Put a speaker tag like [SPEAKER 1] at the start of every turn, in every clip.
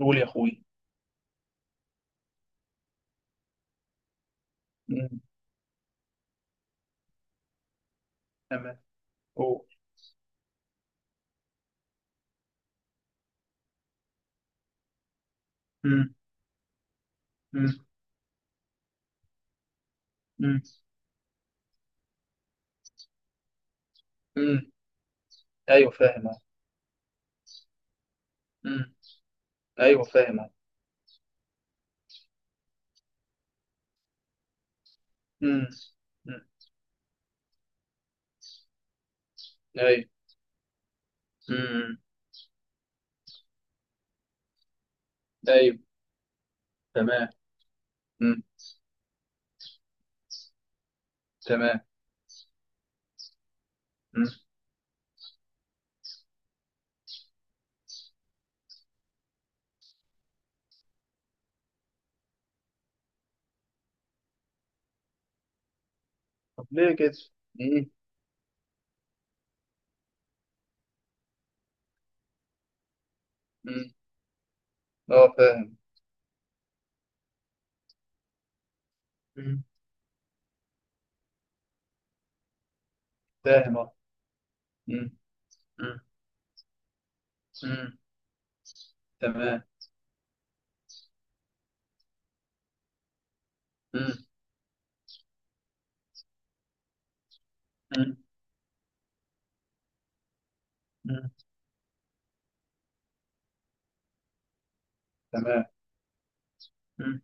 [SPEAKER 1] قول يا اخوي. مم. تمام. قول. مم. مم. مم. مم. ايوه فاهم أهو. مم. ايوه فاهم أهو. مم. مم. ايوه. مم. ايوه. تمام. مم. تمام. مم. طب ليه كده؟ مم. مم. اه، فاهم. مم. فاهم، اه. مم. مم. مم. تمام. مم. مم. مم. تمام. مم.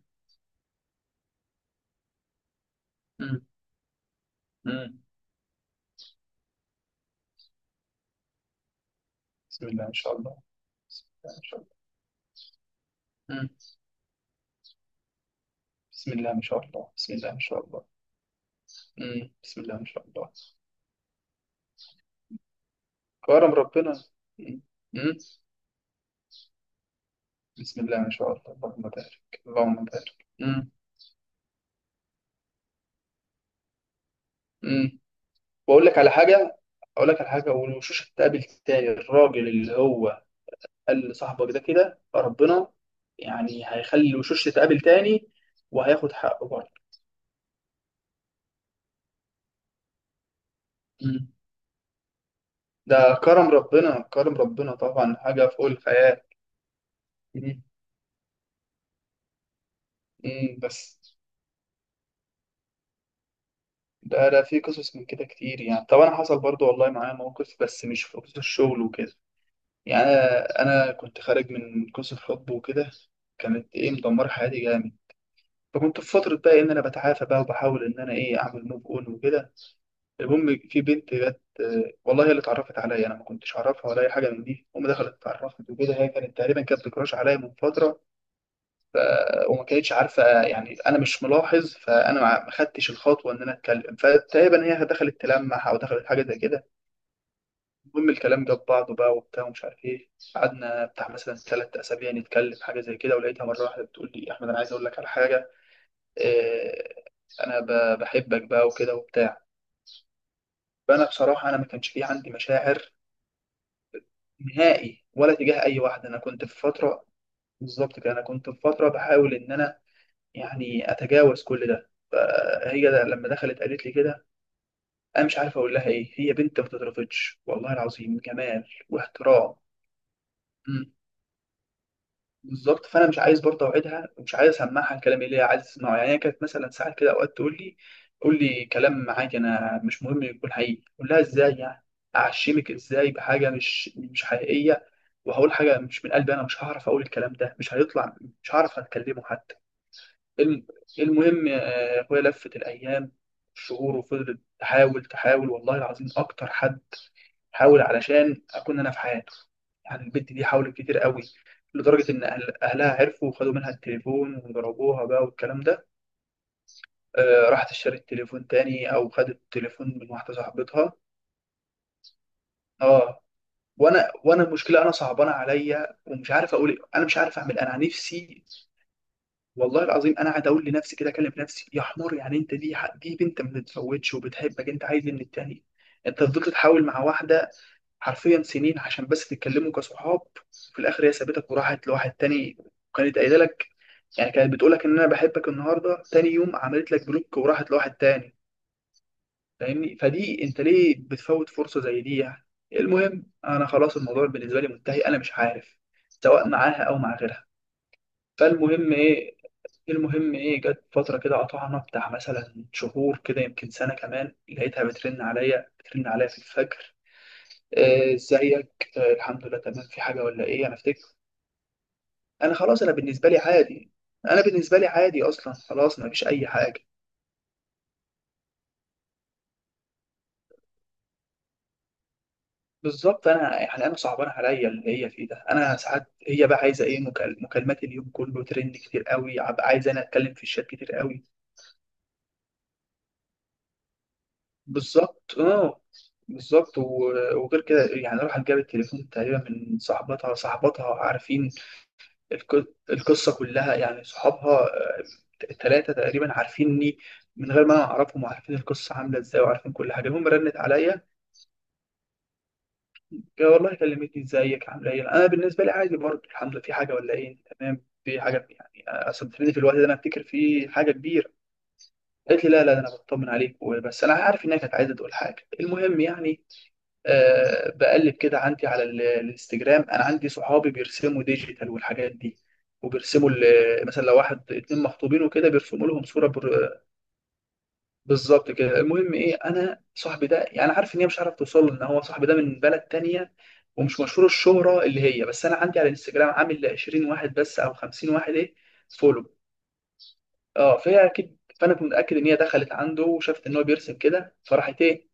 [SPEAKER 1] مم. مم. بسم الله ما شاء الله. بسم الله ما شاء الله. مم. بسم الله ما شاء الله بسم الله ما شاء الله. مم. بسم الله ما شاء الله. كرم ربنا. مم. مم. بسم الله ما شاء الله اللهم بارك. اللهم بارك. مم. مم. واقول لك على حاجه. اقول لك على حاجه، والوشوش هتقابل تاني الراجل اللي هو قال لصاحبك ده كده. ربنا يعني هيخلي الوشوش تتقابل تاني وهياخد حقه برضه. مم. ده كرم ربنا، كرم ربنا طبعا، حاجه فوق الخيال. مم. مم. بس ده في قصص من كده كتير يعني. طب انا حصل برضه والله معايا موقف، بس مش في قصص الشغل وكده يعني. انا كنت خارج من قصه حب وكده، كانت ايه مدمره حياتي جامد. فكنت في فتره بقى ان انا بتعافى بقى، وبحاول ان انا ايه اعمل موف اون وكده. المهم في بنت جت، والله هي اللي اتعرفت عليا، انا ما كنتش اعرفها ولا اي حاجه من دي. هم دخلت اتعرفت وكده. هي كانت تقريبا كانت بتكراش عليا من فتره. ف... وما كانتش عارفه يعني انا مش ملاحظ. فانا ما خدتش الخطوه ان انا اتكلم. فتقريبا هي دخلت تلمح او دخلت حاجه زي كده. المهم الكلام جاب بعضه بقى وبتاع ومش عارف ايه. قعدنا بتاع مثلا 3 اسابيع نتكلم حاجه زي كده، ولقيتها مره واحده بتقول لي: احمد، انا عايز اقول لك على حاجه. إيه؟ انا بحبك بقى وكده وبتاع. فانا بصراحه انا ما كانش في عندي مشاعر نهائي ولا تجاه اي واحده، انا كنت في فتره. بالظبط كده، انا كنت في فتره بحاول ان انا يعني اتجاوز كل ده. فهي ده لما دخلت قالت لي كده، انا مش عارف اقول لها ايه. هي بنت ما تترفضش، والله العظيم جمال واحترام. بالظبط. فانا مش عايز برضه اوعدها، ومش عايز اسمعها الكلام اللي هي عايز تسمعه. يعني هي كانت مثلا ساعات كده اوقات تقول لي: قول لي كلام عادي، انا مش مهم يكون حقيقي. اقول لها ازاي يعني؟ اعشمك ازاي بحاجه مش حقيقيه؟ وهقول حاجه مش من قلبي؟ انا مش هعرف اقول الكلام ده، مش هيطلع. مش هعرف اتكلمه حتى. الم- المهم اخويا لفت الايام، الشهور، وفضلت تحاول تحاول. والله العظيم اكتر حد حاول علشان اكون انا في حياته. يعني البنت دي حاولت كتير قوي، لدرجه ان أهل اهلها عرفوا وخدوا منها التليفون وضربوها بقى والكلام ده. آه، راحت اشترت تليفون تاني او خدت تليفون من واحده صاحبتها. اه. وانا المشكله، انا صعبانه عليا ومش عارف اقول إيه. انا مش عارف اعمل إيه. انا نفسي. والله العظيم انا قاعد اقول لنفسي كده، اكلم نفسي: يا حمار يعني، انت دي بنت ما بتفوتش وبتحبك، انت عايز إيه من التاني؟ انت فضلت تحاول مع واحده حرفيا سنين عشان بس تتكلموا كصحاب، في الاخر هي سابتك وراحت لواحد تاني. وكانت قايله لك، يعني كانت بتقولك ان انا بحبك، النهارده تاني يوم عملت لك بلوك وراحت لواحد تاني. فاهمني؟ فدي انت ليه بتفوت فرصه زي دي يعني. المهم انا خلاص، الموضوع بالنسبه لي منتهي. انا مش عارف سواء معاها او مع غيرها. فالمهم ايه المهم ايه، جت فتره كده قطعنا بتاع مثلا شهور كده، يمكن سنه كمان. لقيتها بترن عليا بترن عليا في الفجر. ازيك؟ الحمد لله تمام. في حاجه ولا ايه؟ انا افتكر انا خلاص، انا بالنسبه لي عادي. انا بالنسبه لي عادي اصلا خلاص، ما فيش اي حاجه. بالظبط. انا يعني انا صعبان عليا اللي هي فيه ده. انا ساعات هي بقى عايزه ايه، مكالمات اليوم كله ترند كتير قوي، عايزه انا اتكلم في الشات كتير قوي. بالظبط اه. بالظبط. وغير كده يعني، راحت جابت التليفون تقريبا من صاحبتها. عارفين القصة كلها يعني، صحابها، التلاتة تقريبا عارفيني من غير ما أنا أعرفهم، وعارفين القصة عاملة إزاي وعارفين كل حاجة. المهم رنت عليا. يا والله كلمتني: إزيك؟ عاملة إيه؟ أنا بالنسبة لي عادي برضه، الحمد لله. في حاجة ولا إيه؟ تمام. في حاجة يعني أصل بتفيدني في الوقت ده، أنا أفتكر في حاجة كبيرة. قالت لي: لا لا، ده أنا بطمن عليك وبس. أنا عارف إنها كانت عايزة تقول حاجة. المهم يعني بقلب كده عندي على الانستجرام، انا عندي صحابي بيرسموا ديجيتال والحاجات دي. وبيرسموا مثلا لو واحد اتنين مخطوبين وكده بيرسموا لهم صوره. بالظبط كده. المهم ايه، انا صاحبي ده يعني عارف ان هي مش عارف توصل له، ان هو صاحبي ده من بلد تانية ومش مشهور الشهره اللي هي. بس انا عندي على الانستجرام عامل ل 20 واحد بس او 50 واحد ايه، فولو. اه. فهي اكيد، فانا كنت متاكد ان هي دخلت عنده وشافت ان هو بيرسم كده، فراحت ايه،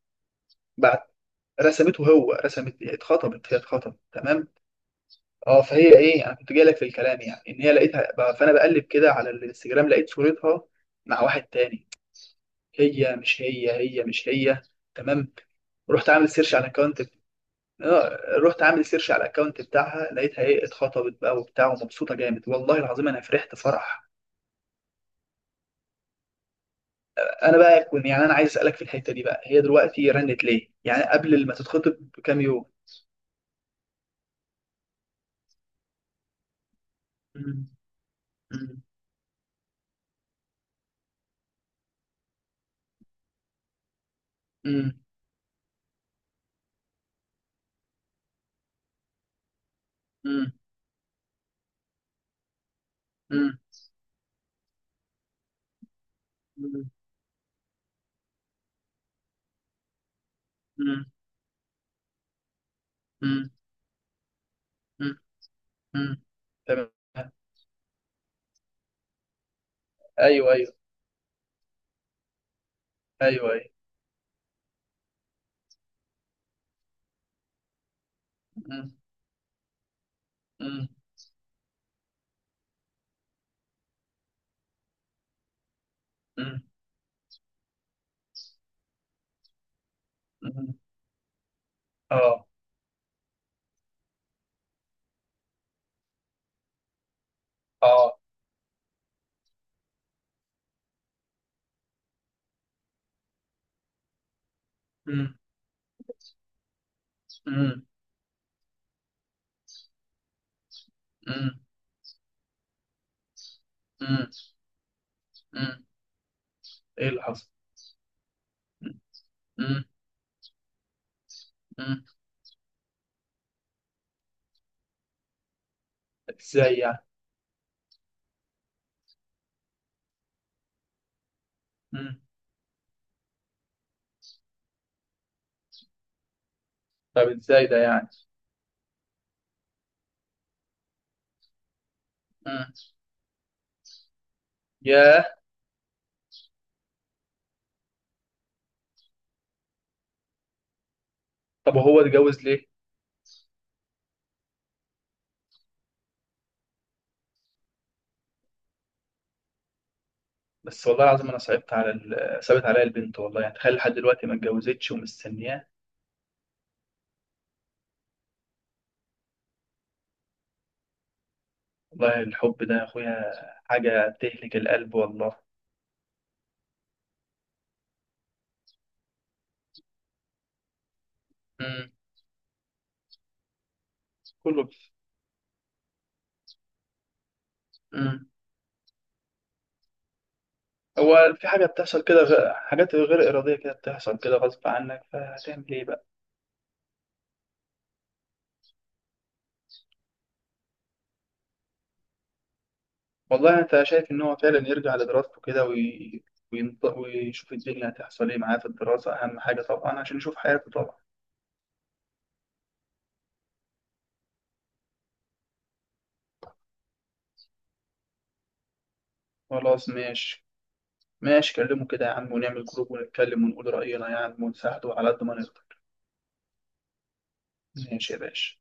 [SPEAKER 1] بعت رسمته. هو رسمت، اتخطبت، هي اتخطبت تمام. اه. فهي ايه، انا كنت جاي لك في الكلام، يعني ان هي لقيتها بقى. فانا بقلب كده على الانستجرام لقيت صورتها مع واحد تاني. هي مش هي، هي مش هي. تمام. رحت عامل سيرش على الاكونت. اه. رحت عامل سيرش على الاكونت بتاعها، لقيتها ايه اتخطبت بقى وبتاع ومبسوطه جامد. والله العظيم انا فرحت فرح. انا بقى كنت يعني انا عايز اسالك في الحته دي بقى: هي دلوقتي رنت ليه يعني قبل ما تتخطب بكام يوم؟ مم، مم، مم، مم، مم، مم، مم، مم، مم. تمام. ايوه ايوه. ايوه ايوه. مم. مم. مم. مم. اه اه. مم. مم. مم. مم. مم. ايه اللي حصل؟ مم. مم. مم. ازاي يعني؟ مم. طب ازاي ده يعني؟ مم. ياه. طب وهو اتجوز ليه؟ بس والله العظيم انا صعبت عليا البنت، والله، يعني تخيل لحد دلوقتي ما اتجوزتش ومستنياه. والله الحب ده يا اخويا حاجه تهلك القلب والله. مم. كله. مم. هو في حاجة بتحصل كده، حاجات غير إرادية كده بتحصل كده غصب عنك، فهتعمل إيه بقى؟ والله أنت شايف إن هو فعلا يرجع لدراسته كده ويشوف الدنيا هتحصل إيه معاه في الدراسة؟ أهم حاجة طبعا عشان يشوف حياته طبعا. خلاص ماشي. ماشي، كلمه كده يا عم، ونعمل جروب ونتكلم ونقول رأينا يا عم ونساعده على قد ما نقدر. ماشي يا باشا.